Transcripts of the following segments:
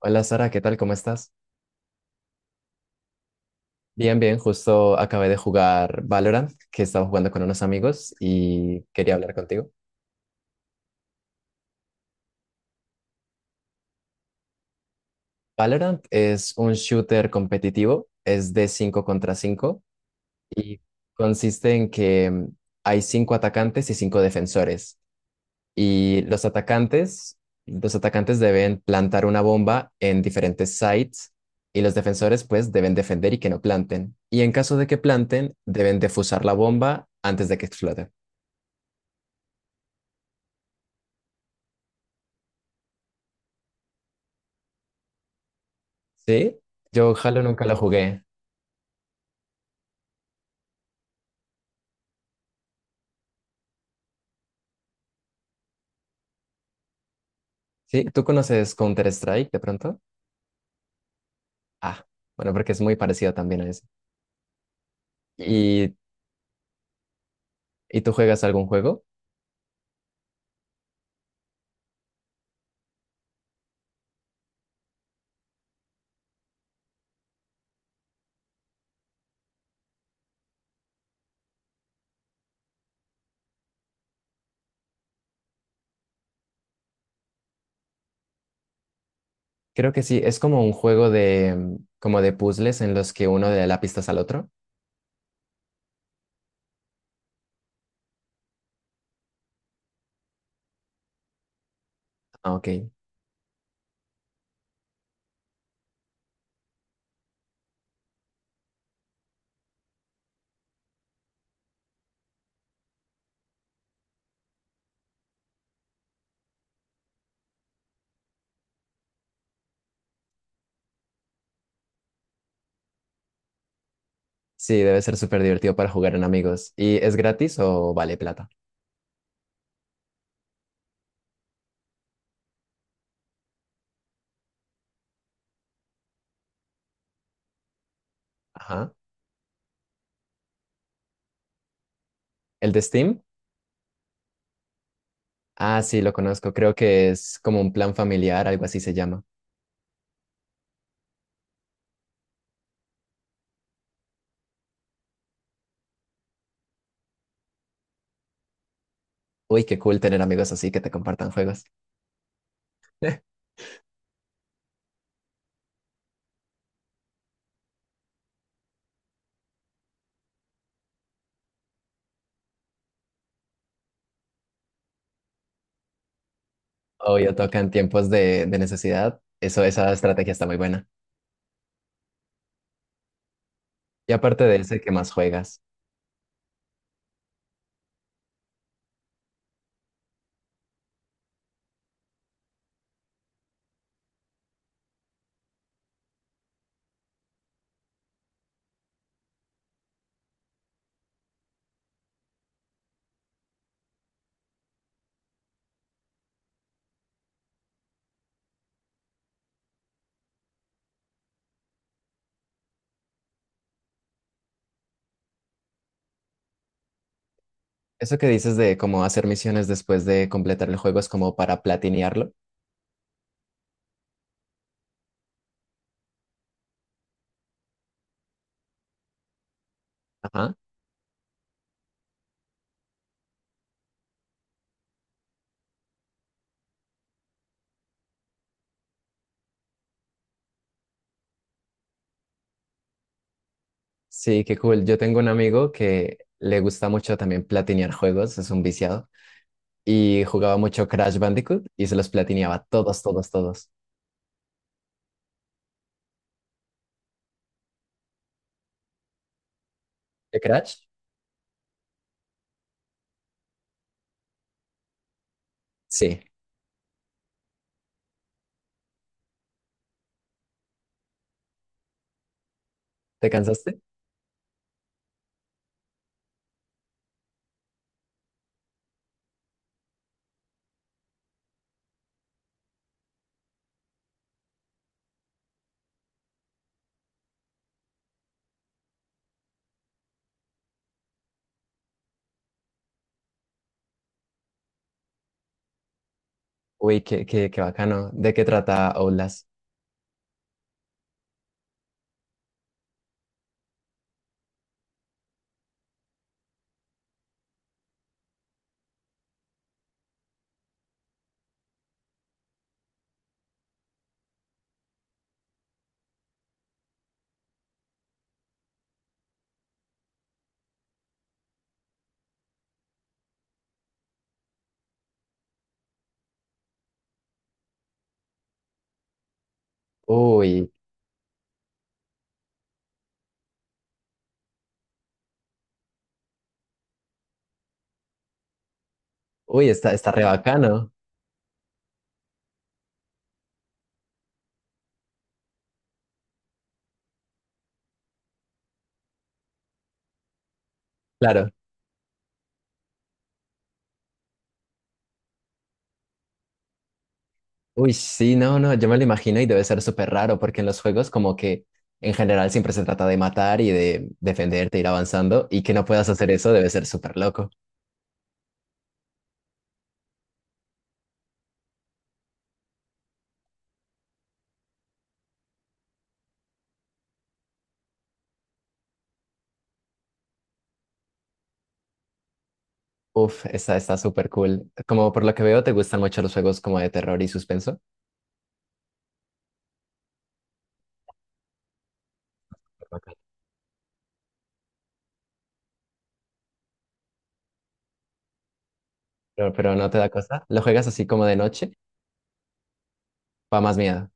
Hola Sara, ¿qué tal? ¿Cómo estás? Bien, bien, justo acabé de jugar Valorant, que estaba jugando con unos amigos y quería hablar contigo. Valorant es un shooter competitivo, es de 5 contra 5 y consiste en que hay 5 atacantes y 5 defensores. Y los atacantes deben plantar una bomba en diferentes sites y los defensores pues deben defender y que no planten. Y en caso de que planten, deben defusar la bomba antes de que explote. Sí, yo Halo nunca lo jugué. Sí, ¿tú conoces Counter-Strike de pronto? Ah, bueno, porque es muy parecido también a eso. ¿Y, y tú juegas algún juego? Creo que sí, es como un juego de, como de puzzles en los que uno le da la pistas al otro. Ah, ok. Sí, debe ser súper divertido para jugar en amigos. ¿Y es gratis o vale plata? Ajá. ¿El de Steam? Ah, sí, lo conozco. Creo que es como un plan familiar, algo así se llama. Uy, qué cool tener amigos así que te compartan juegos. Obvio, toca en tiempos de necesidad. Eso, esa estrategia está muy buena. Y aparte de ese, ¿qué más juegas? Eso que dices de cómo hacer misiones después de completar el juego es como para platinearlo. Ajá. Sí, qué cool. Yo tengo un amigo que le gusta mucho también platinear juegos, es un viciado, y jugaba mucho Crash Bandicoot y se los platineaba todos, todos, todos. ¿De Crash? Sí. ¿Te cansaste? Uy, qué bacano. ¿De qué trata Outlast? Uy, uy, está, está re bacano. Claro. Uy, sí, no, no, yo me lo imagino y debe ser súper raro porque en los juegos como que en general siempre se trata de matar y de defenderte, ir avanzando y que no puedas hacer eso debe ser súper loco. Uf, está, está súper cool. Como por lo que veo te gustan mucho los juegos como de terror y suspenso. Bacán. Pero no te da cosa. ¿Lo juegas así como de noche? Va más miedo.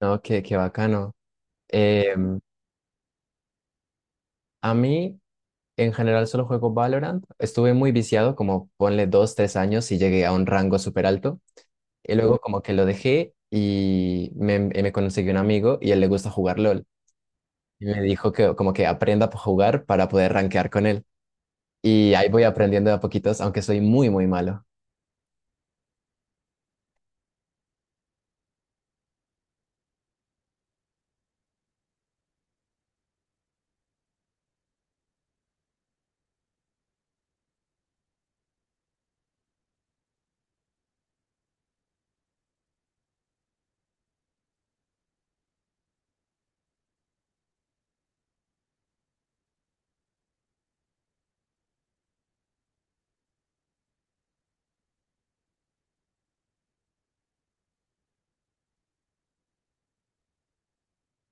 No, qué, qué bacano. Em, a mí en general solo juego Valorant. Estuve muy viciado, como ponle dos, tres años y llegué a un rango súper alto. Y luego como que lo dejé y me conseguí un amigo y a él le gusta jugar LOL. Y me dijo que como que aprenda a jugar para poder rankear con él. Y ahí voy aprendiendo de a poquitos, aunque soy muy, muy malo.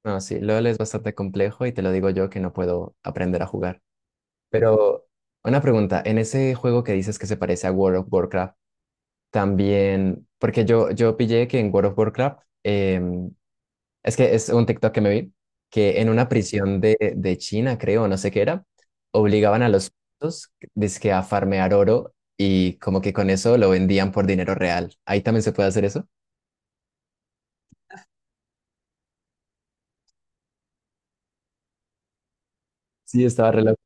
No, sí, LOL es bastante complejo y te lo digo yo que no puedo aprender a jugar. Pero una pregunta, en ese juego que dices que se parece a World of Warcraft, también, porque yo pillé que en World of Warcraft es que es un TikTok que me vi, que en una prisión de China, creo, no sé qué era, obligaban a los presos, dizque a farmear oro y como que con eso lo vendían por dinero real. Ahí también se puede hacer eso. Sí, estaba re loco.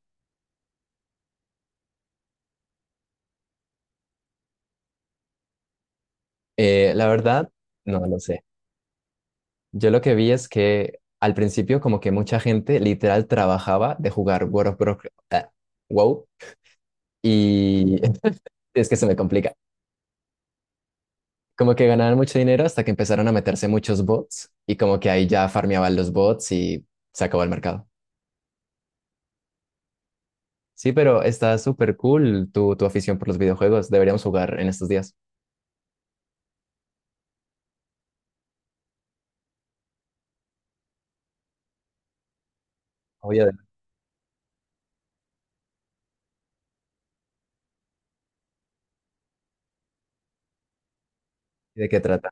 La verdad, no lo sé. Yo lo que vi es que al principio como que mucha gente literal trabajaba de jugar World of Warcraft, ah, WoW, y es que se me complica. Como que ganaban mucho dinero hasta que empezaron a meterse muchos bots y como que ahí ya farmeaban los bots y se acabó el mercado. Sí, pero está súper cool tu, tu afición por los videojuegos. Deberíamos jugar en estos días. Oye, ¿de qué trata?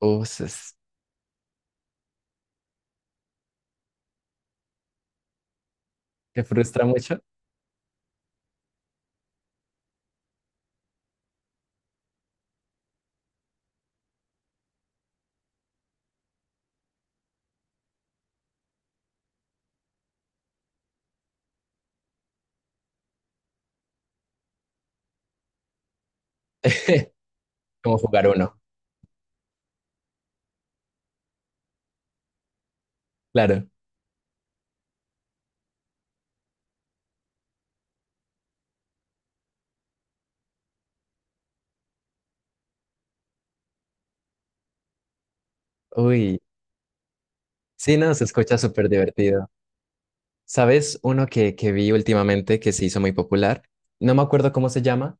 Uf, se- ¿te frustra mucho? Como jugar uno, claro. Uy, sí, no, se escucha súper divertido. ¿Sabes uno que vi últimamente que se hizo muy popular? No me acuerdo cómo se llama,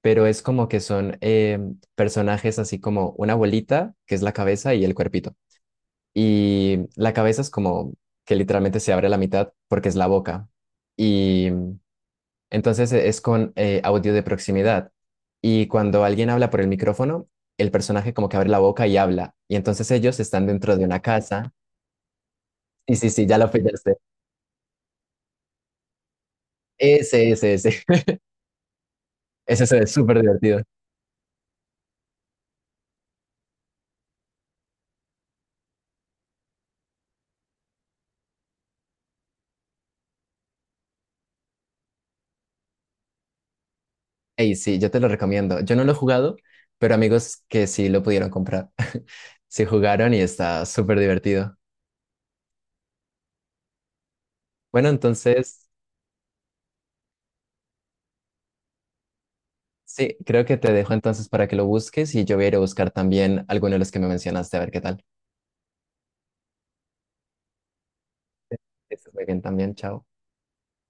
pero es como que son personajes así como una bolita, que es la cabeza y el cuerpito. Y la cabeza es como que literalmente se abre a la mitad porque es la boca. Y entonces es con audio de proximidad. Y cuando alguien habla por el micrófono, el personaje como que abre la boca y habla. Y entonces ellos están dentro de una casa. Sí, sí, sí, ya lo pillaste. Ese, ese, ese. Ese se ve súper divertido. Ey, sí, yo te lo recomiendo. Yo no lo he jugado, pero amigos que sí lo pudieron comprar. Sí jugaron y está súper divertido. Bueno, entonces... Sí, creo que te dejo entonces para que lo busques y yo voy a ir a buscar también alguno de los que me mencionaste, a ver qué tal. Que estés muy bien también, chao.